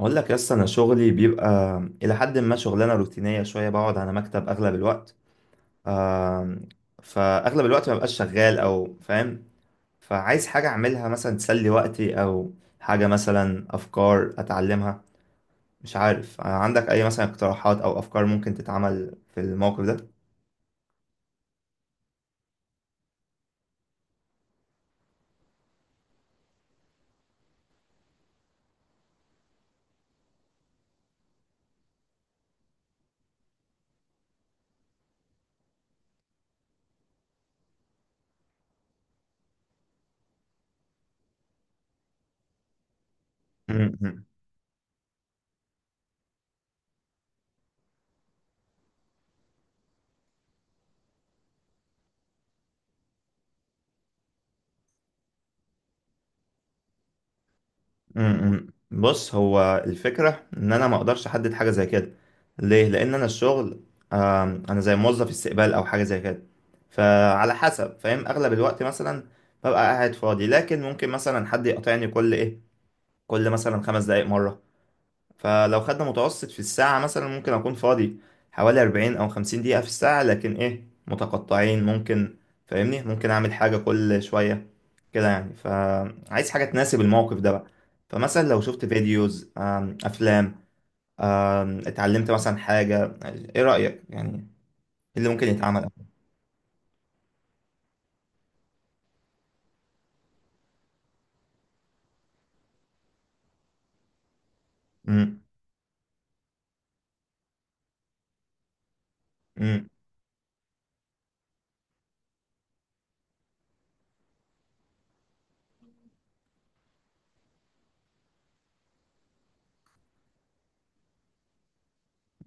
اقول لك يس انا شغلي بيبقى الى حد ما شغلانه روتينيه شويه. بقعد على مكتب اغلب الوقت. آم، فاغلب الوقت ما ببقاش شغال او فاهم. فعايز حاجه اعملها مثلا تسلي وقتي او حاجه مثلا افكار اتعلمها. مش عارف، عندك اي مثلا اقتراحات او افكار ممكن تتعمل في الموقف ده؟ بص، هو الفكرة ان انا ما اقدرش احدد حاجة زي كده. ليه؟ لان انا الشغل، انا زي موظف استقبال او حاجة زي كده. فعلى حسب فاهم، اغلب الوقت مثلا ببقى قاعد فاضي، لكن ممكن مثلا حد يقاطعني كل ايه، كل مثلا خمس دقايق مرة. فلو خدنا متوسط في الساعة، مثلا ممكن أكون فاضي حوالي 40 أو 50 دقيقة في الساعة، لكن إيه، متقطعين. ممكن، فاهمني، ممكن أعمل حاجة كل شوية كده، يعني. فعايز حاجة تناسب الموقف ده بقى. فمثلا لو شفت فيديوز، أفلام، اتعلمت مثلا حاجة. إيه رأيك، يعني إيه اللي ممكن يتعمل؟ أمم، أمم،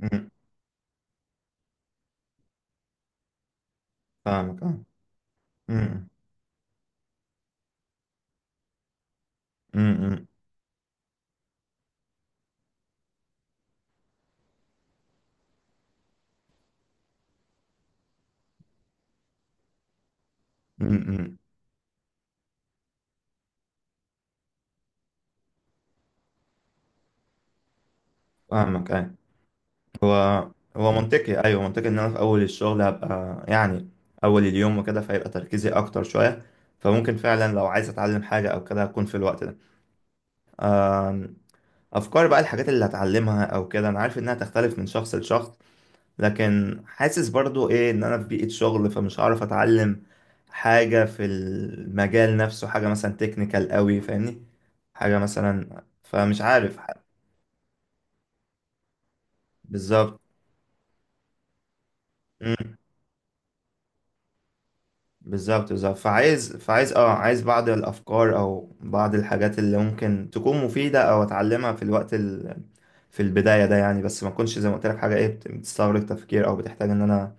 أمم، فاهمك، آه. أمم، أمم، أمم، أمم، أمم، فاهمك، آه. هو هو منطقي. ايوه، منطقي ان انا في اول الشغل هبقى يعني اول اليوم وكده، فيبقى تركيزي اكتر شويه. فممكن فعلا لو عايز اتعلم حاجه او كده، هكون في الوقت ده. أم، افكار بقى الحاجات اللي هتعلمها او كده، انا عارف انها تختلف من شخص لشخص. لكن حاسس برضو ايه، ان انا في بيئه شغل، فمش هعرف اتعلم حاجه في المجال نفسه، حاجه مثلا تكنيكال قوي، فاهمني، حاجه مثلا، فمش عارف. بالظبط، بالظبط، بالظبط. فعايز عايز بعض الافكار او بعض الحاجات اللي ممكن تكون مفيده او اتعلمها في الوقت ال... في البدايه ده، يعني. بس ما اكونش زي ما قلت لك حاجه ايه، بتستغرق تفكير او بتحتاج ان انا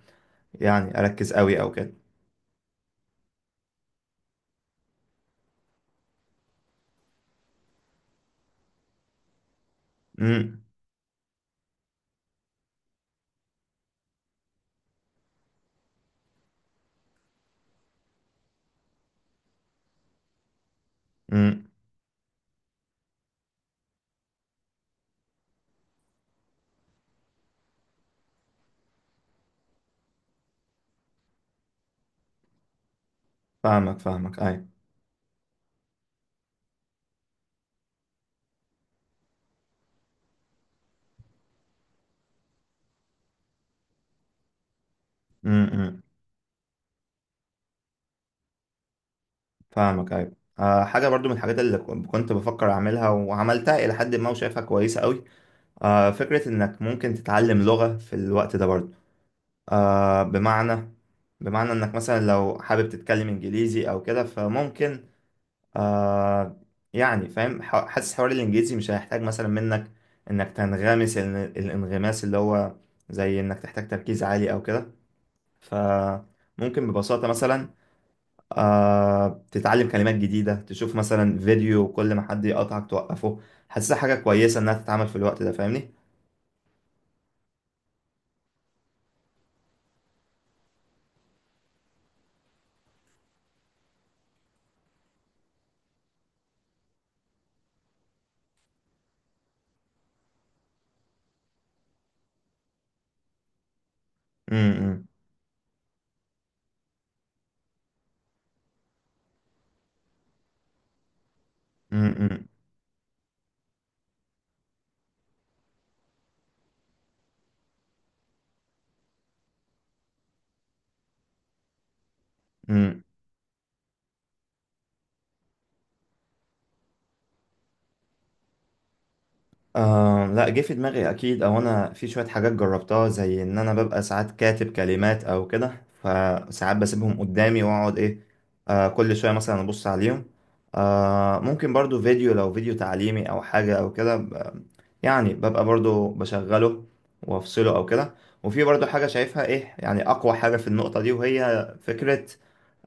يعني اركز قوي او كده. امم، امم، فاهمك، فاهمك، ايوه. امم، فاهمك، ايوه. آه، حاجه برضو من الحاجات اللي كنت بفكر اعملها وعملتها الى حد ما، وشايفها كويسه قوي. آه، فكره انك ممكن تتعلم لغه في الوقت ده برضو. آه، بمعنى، بمعنى انك مثلا لو حابب تتكلم انجليزي او كده، فممكن، آه، يعني فاهم، حاسس حوار الانجليزي مش هيحتاج مثلا منك انك تنغمس الانغماس اللي هو زي انك تحتاج تركيز عالي او كده. فممكن ببساطة مثلا، آه، تتعلم كلمات جديدة، تشوف مثلا فيديو وكل ما حد يقطعك توقفه. حاسسها حاجة كويسة انها تتعمل في الوقت ده، فاهمني؟ م- م- م- م- م. آه، لا، جه في دماغي اكيد. او انا في شويه حاجات جربتها، زي ان انا ببقى ساعات كاتب كلمات او كده، فساعات بسيبهم قدامي واقعد ايه، آه، كل شويه مثلا ابص عليهم. آه، ممكن برضو فيديو، لو فيديو تعليمي او حاجه او كده، يعني ببقى برضو بشغله وافصله او كده. وفي برضو حاجه شايفها ايه، يعني اقوى حاجه في النقطه دي، وهي فكره،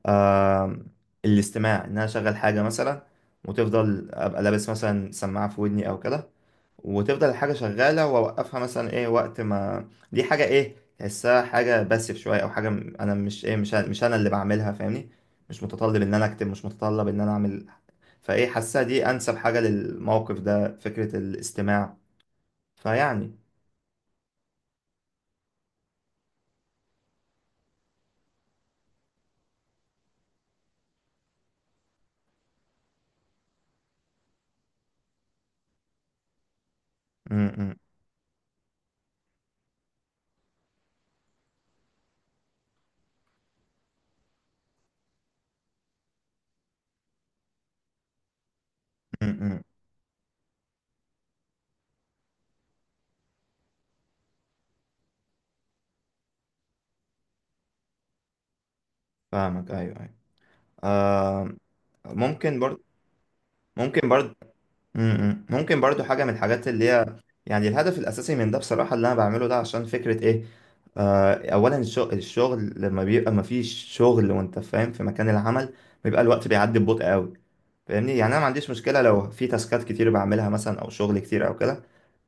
آه، الاستماع. ان انا اشغل حاجه مثلا وتفضل ابقى لابس مثلا سماعه في ودني او كده، وتفضل الحاجة شغالة، وأوقفها مثلا إيه وقت ما دي حاجة، إيه، تحسها حاجة باسف شوية، أو حاجة أنا مش إيه، مش أنا اللي بعملها، فاهمني. مش متطلب إن أنا أكتب، مش متطلب إن أنا أعمل. فإيه، حاسها دي أنسب حاجة للموقف ده، فكرة الاستماع. فيعني م- م- م- م. فاهمك، أيوه، أيوه. آه، ممكن برضه، ممكن برضه، امم، ممكن برضو حاجة من الحاجات اللي هي، يعني الهدف الأساسي من ده بصراحة اللي أنا بعمله ده، عشان فكرة إيه، آه، أولا الشغل، الشغل لما بيبقى مفيش شغل وأنت فاهم في مكان العمل، بيبقى الوقت بيعدي ببطء قوي، فاهمني. يعني أنا ما عنديش مشكلة لو في تاسكات كتير بعملها مثلا أو شغل كتير أو كده،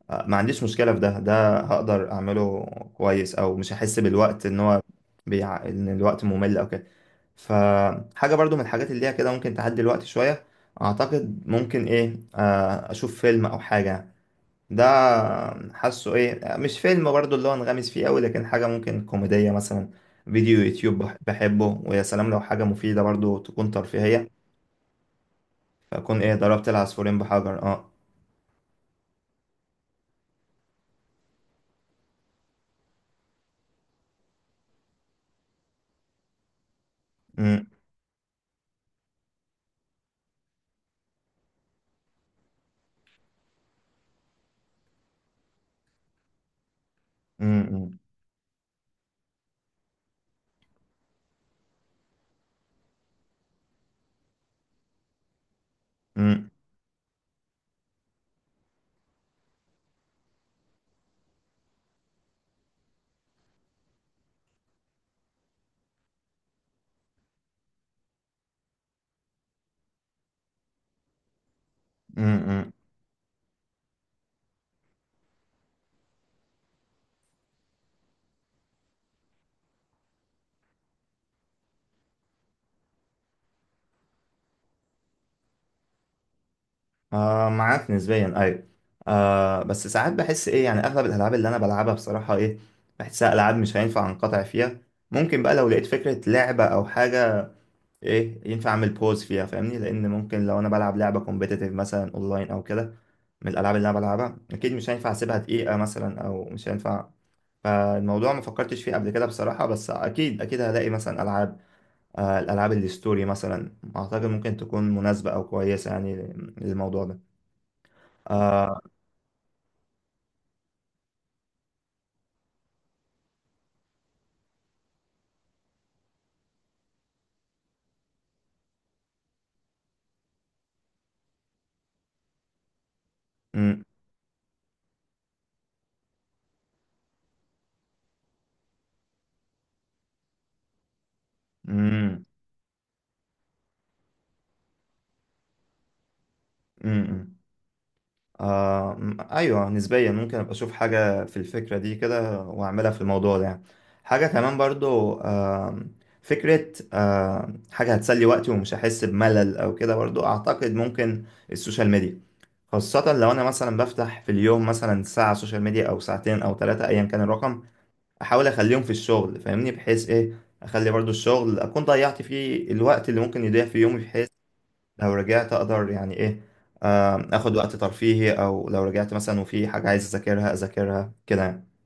ما عنديش مشكلة في ده. ده هقدر أعمله كويس، أو مش هحس بالوقت إن هو إن الوقت ممل أو كده. فحاجة برضو من الحاجات اللي هي كده ممكن تعدي الوقت شوية، أعتقد ممكن إيه، أشوف فيلم أو حاجة. ده حاسه إيه، مش فيلم برضو اللي هو انغمس فيه أوي، لكن حاجة ممكن كوميدية مثلا. فيديو يوتيوب بحبه، ويا سلام لو حاجة مفيدة برضو تكون ترفيهية. فأكون إيه، ضربت العصفورين بحجر، أه. م- م- م- م- م- م- آه، معاك نسبيا، ايوه. آه، بس ساعات بحس ايه، يعني اغلب الالعاب اللي انا بلعبها بصراحه ايه، بحسها العاب مش هينفع انقطع فيها. ممكن بقى لو لقيت فكره لعبه او حاجه ايه ينفع اعمل بوز فيها، فاهمني، لان ممكن لو انا بلعب لعبه كومبيتيتيف مثلا اونلاين او كده، من الالعاب اللي انا بلعبها، اكيد مش هينفع اسيبها دقيقه مثلا، او مش هينفع. فالموضوع ما فكرتش فيه قبل كده بصراحه، بس اكيد، اكيد هلاقي مثلا العاب. آه، الالعاب الستوري مثلا اعتقد ممكن تكون مناسبه او كويسه، يعني للموضوع ده. آه، امم، امم، آه، ايوه، نسبيا ممكن ابقى اشوف حاجه في الفكره دي كده، واعملها في الموضوع ده، يعني. حاجه كمان برضو، آه، فكره، آه، حاجه هتسلي وقتي ومش هحس بملل او كده، برضو اعتقد ممكن السوشيال ميديا. خاصة لو أنا مثلا بفتح في اليوم مثلا ساعة سوشيال ميديا أو ساعتين أو ثلاثة أيا كان الرقم، أحاول أخليهم في الشغل، فاهمني، بحيث إيه، أخلي برضو الشغل أكون ضيعت فيه الوقت اللي ممكن يضيع في يومي، بحيث لو رجعت اقدر يعني ايه، اخد وقت ترفيهي، او لو رجعت مثلا وفي حاجة عايز اذاكرها اذاكرها كده، يعني